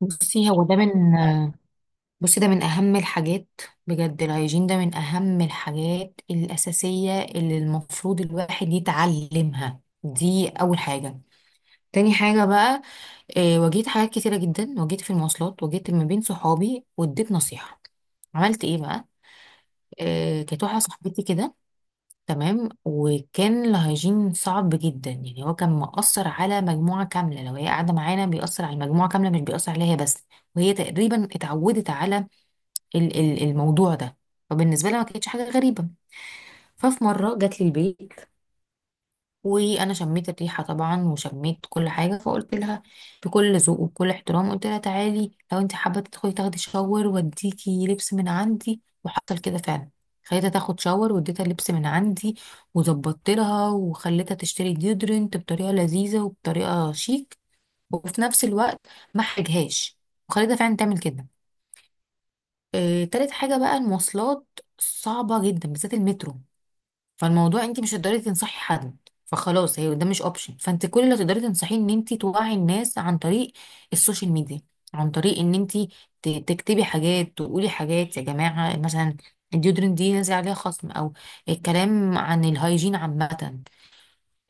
بصي هو ده من بصي ده من أهم الحاجات. بجد الهيجين ده من أهم الحاجات الأساسية اللي المفروض الواحد يتعلمها، دي أول حاجة. تاني حاجة بقى، واجهت حاجات كتيرة جدا، واجهت في المواصلات، واجهت ما بين صحابي واديت نصيحة. عملت ايه بقى؟ كانت واحدة صاحبتي كده، تمام، وكان الهيجين صعب جدا، يعني هو كان مأثر على مجموعة كاملة، لو هي قاعدة معانا بيأثر على المجموعة كاملة، مش بيأثر عليها هي بس. وهي تقريبا اتعودت على الموضوع ده، فبالنسبة لها ما كانتش حاجة غريبة. ففي مرة جات لي البيت، وأنا شميت الريحة طبعا وشميت كل حاجة، فقلت لها بكل ذوق وبكل احترام، قلت لها تعالي لو انت حابة تدخلي تاخدي شاور واديكي لبس من عندي. وحصل كده فعلا، خليتها تاخد شاور واديتها لبس من عندي وظبطت لها، وخليتها تشتري ديودرنت بطريقة لذيذة وبطريقة شيك، وفي نفس الوقت ما حرجهاش، وخليتها فعلا تعمل كده. تالت حاجة بقى المواصلات، صعبة جدا بالذات المترو. فالموضوع انت مش هتقدري تنصحي حد، فخلاص هي ده مش اوبشن، فانت كل اللي تقدري تنصحيه ان انت توعي الناس عن طريق السوشيال ميديا، عن طريق ان انت تكتبي حاجات، تقولي حاجات، يا جماعة مثلا الديودرنت دي نازل عليها خصم، او الكلام عن الهايجين عامة.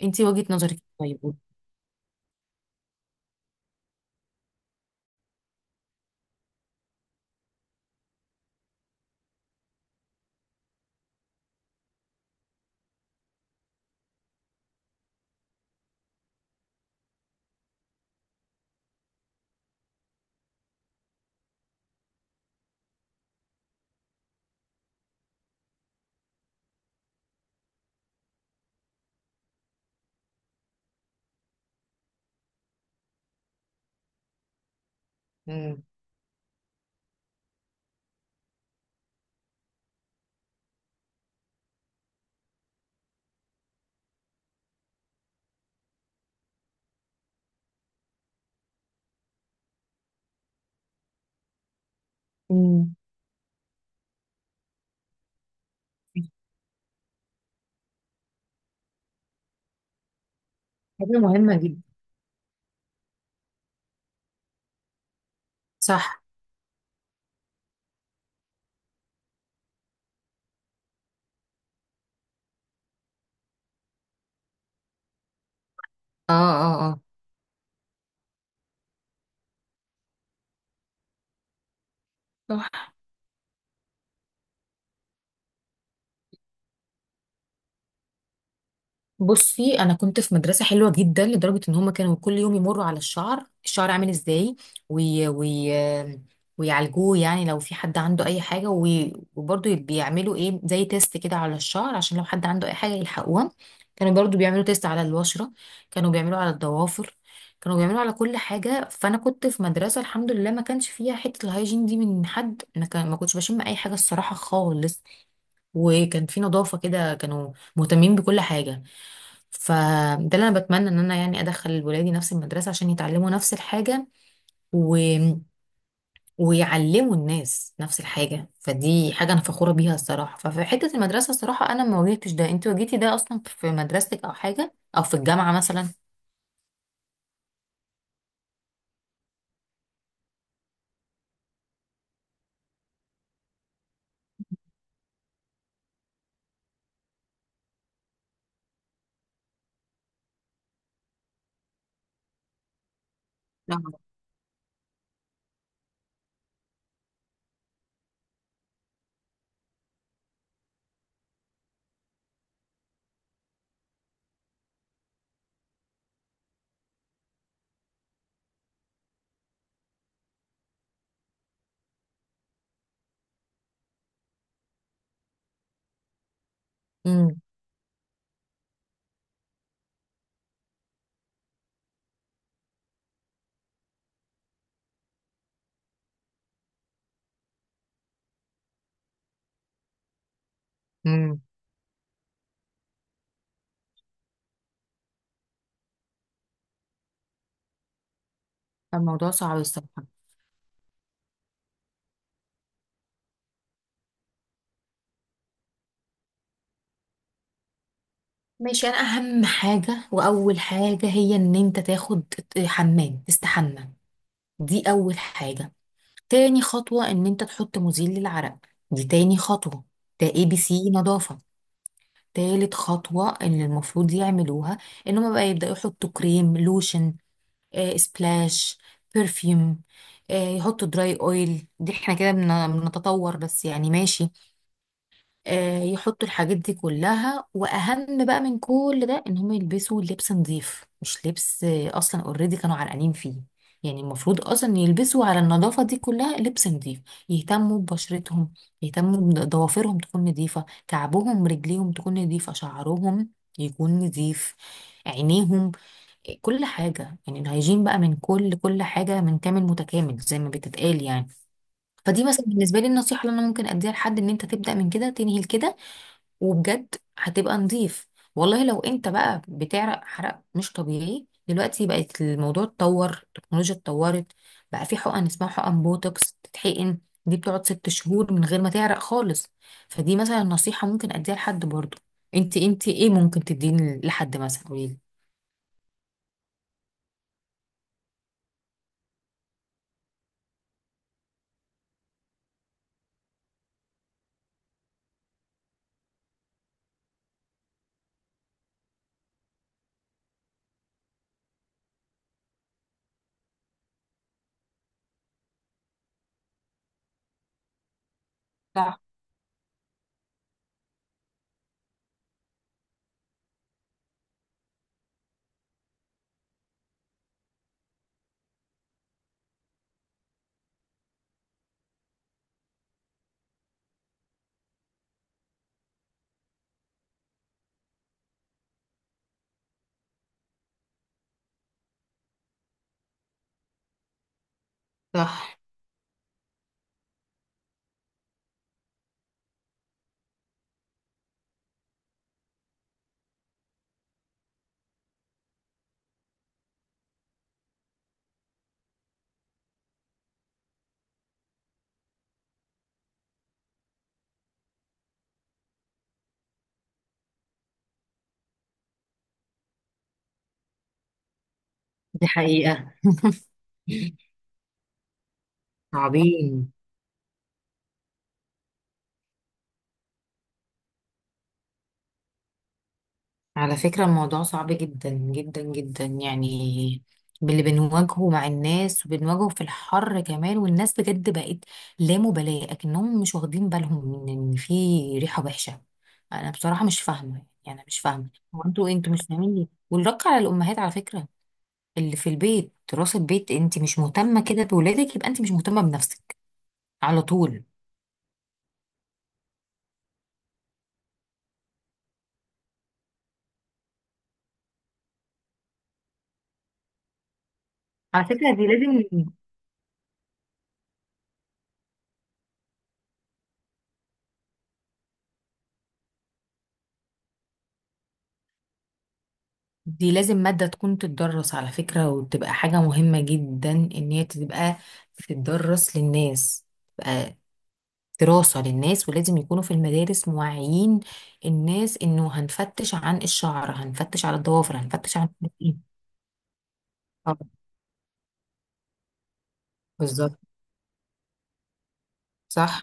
انت وجهة نظرك طيب؟ مم. مم. حاجة مهمة جدا. صح. اه، اه، اه. بصي انا كنت في مدرسه حلوه جدا، لدرجه ان هم كانوا كل يوم يمروا على الشعر، الشعر عامل ازاي، وي وي ويعالجوه، يعني لو في حد عنده اي حاجه وبرضه بيعملوا ايه زي تيست كده على الشعر عشان لو حد عنده اي حاجه يلحقوها. كانوا برضه بيعملوا تيست على البشره، كانوا بيعملوا على الضوافر، كانوا بيعملوا على كل حاجه. فانا كنت في مدرسه الحمد لله ما كانش فيها حته الهايجين دي من حد، ما كان ما كنتش بشم اي حاجه الصراحه خالص، وكان في نظافه كده، كانوا مهتمين بكل حاجه. فده اللي انا بتمنى ان انا يعني ادخل ولادي نفس المدرسه عشان يتعلموا نفس الحاجه و... ويعلموا الناس نفس الحاجه، فدي حاجه انا فخوره بيها الصراحه. ففي حته المدرسه الصراحه انا ما واجهتش ده، انت واجهتي ده اصلا في مدرستك او حاجه، او في الجامعه مثلا؟ نعم. امم. امم. الموضوع صعب الصراحه. ماشي، انا اهم حاجه واول حاجه هي ان انت تاخد حمام، تستحمى، دي اول حاجه. تاني خطوة ان انت تحط مزيل للعرق، دي تاني خطوة، ده اي بي سي نظافة. تالت خطوة ان المفروض يعملوها ان هما بقى يبدأوا يحطوا كريم لوشن، سبلاش، برفيوم، يحطوا دراي اويل، دي احنا كده بنتطور بس، يعني ماشي. يحطوا الحاجات دي كلها، واهم بقى من كل ده ان هم يلبسوا لبس نظيف، مش لبس اصلا اوريدي كانوا عرقانين فيه. يعني المفروض اصلا يلبسوا على النظافه دي كلها لبس نظيف، يهتموا ببشرتهم، يهتموا بضوافرهم تكون نظيفه، كعبهم رجليهم تكون نظيفه، شعرهم يكون نظيف، عينيهم، كل حاجه. يعني الهيجين بقى من كل حاجه، من كامل متكامل زي ما بتتقال يعني. فدي مثلا بالنسبه لي النصيحه اللي انا ممكن اديها لحد، ان انت تبدا من كده تنهي لكده وبجد هتبقى نظيف. والله لو انت بقى بتعرق حرق مش طبيعي، دلوقتي بقت الموضوع اتطور، التكنولوجيا اتطورت، بقى في حقن اسمها حقن بوتوكس تتحقن، دي بتقعد ست شهور من غير ما تعرق خالص، فدي مثلا نصيحة ممكن اديها لحد برضه. انت ايه ممكن تديني لحد مثلا، قوليلي؟ صح. صح. دي حقيقة. عظيم. على فكرة الموضوع صعب جدا يعني، باللي بنواجهه مع الناس وبنواجهه في الحر كمان. والناس بجد بقت لا مبالاة، أكنهم مش واخدين بالهم من إن في ريحة وحشة. أنا بصراحة مش فاهمة، يعني أنا مش فاهمة، هو أنتوا مش فاهمين ليه؟ والرق على الأمهات على فكرة، اللي في البيت دراسة بيت، أنت مش مهتمة كده بولادك يبقى أنت مش مهتمة بنفسك، على طول. على فكرة دي لازم مادة تكون تتدرس على فكرة، وتبقى حاجة مهمة جدا إن هي تبقى تتدرس للناس، تبقى دراسة للناس، ولازم يكونوا في المدارس موعيين الناس، إنه هنفتش عن الشعر، هنفتش على الضوافر، هنفتش عن إيه. طبعا. بالظبط. صح.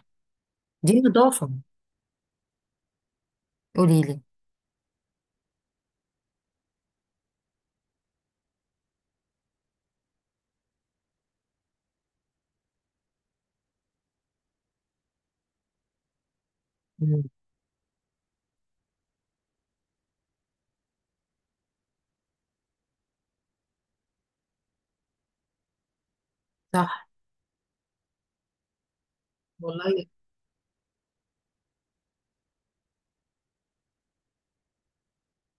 دي نظافة. قوليلي. مم. صح. والله.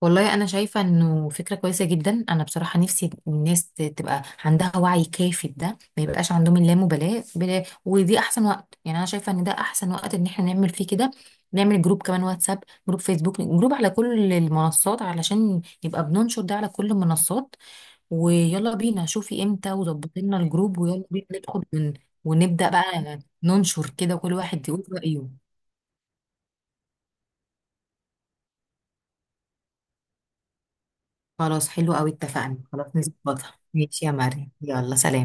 والله انا شايفه انه فكره كويسه جدا، انا بصراحه نفسي الناس تبقى عندها وعي كافي بده، ما يبقاش عندهم اللامبالاه بلا، ودي احسن وقت يعني، انا شايفه ان ده احسن وقت ان احنا نعمل فيه كده. نعمل جروب كمان، واتساب جروب، فيسبوك جروب، على كل المنصات علشان يبقى بننشر ده على كل المنصات. ويلا بينا، شوفي امتى وظبطي لنا الجروب، ويلا بينا ندخل ونبدا بقى ننشر كده، كل واحد يقول رايه. خلاص حلو قوي، اتفقنا، خلاص نظبطها. ماشي يا مريم، يلا سلام.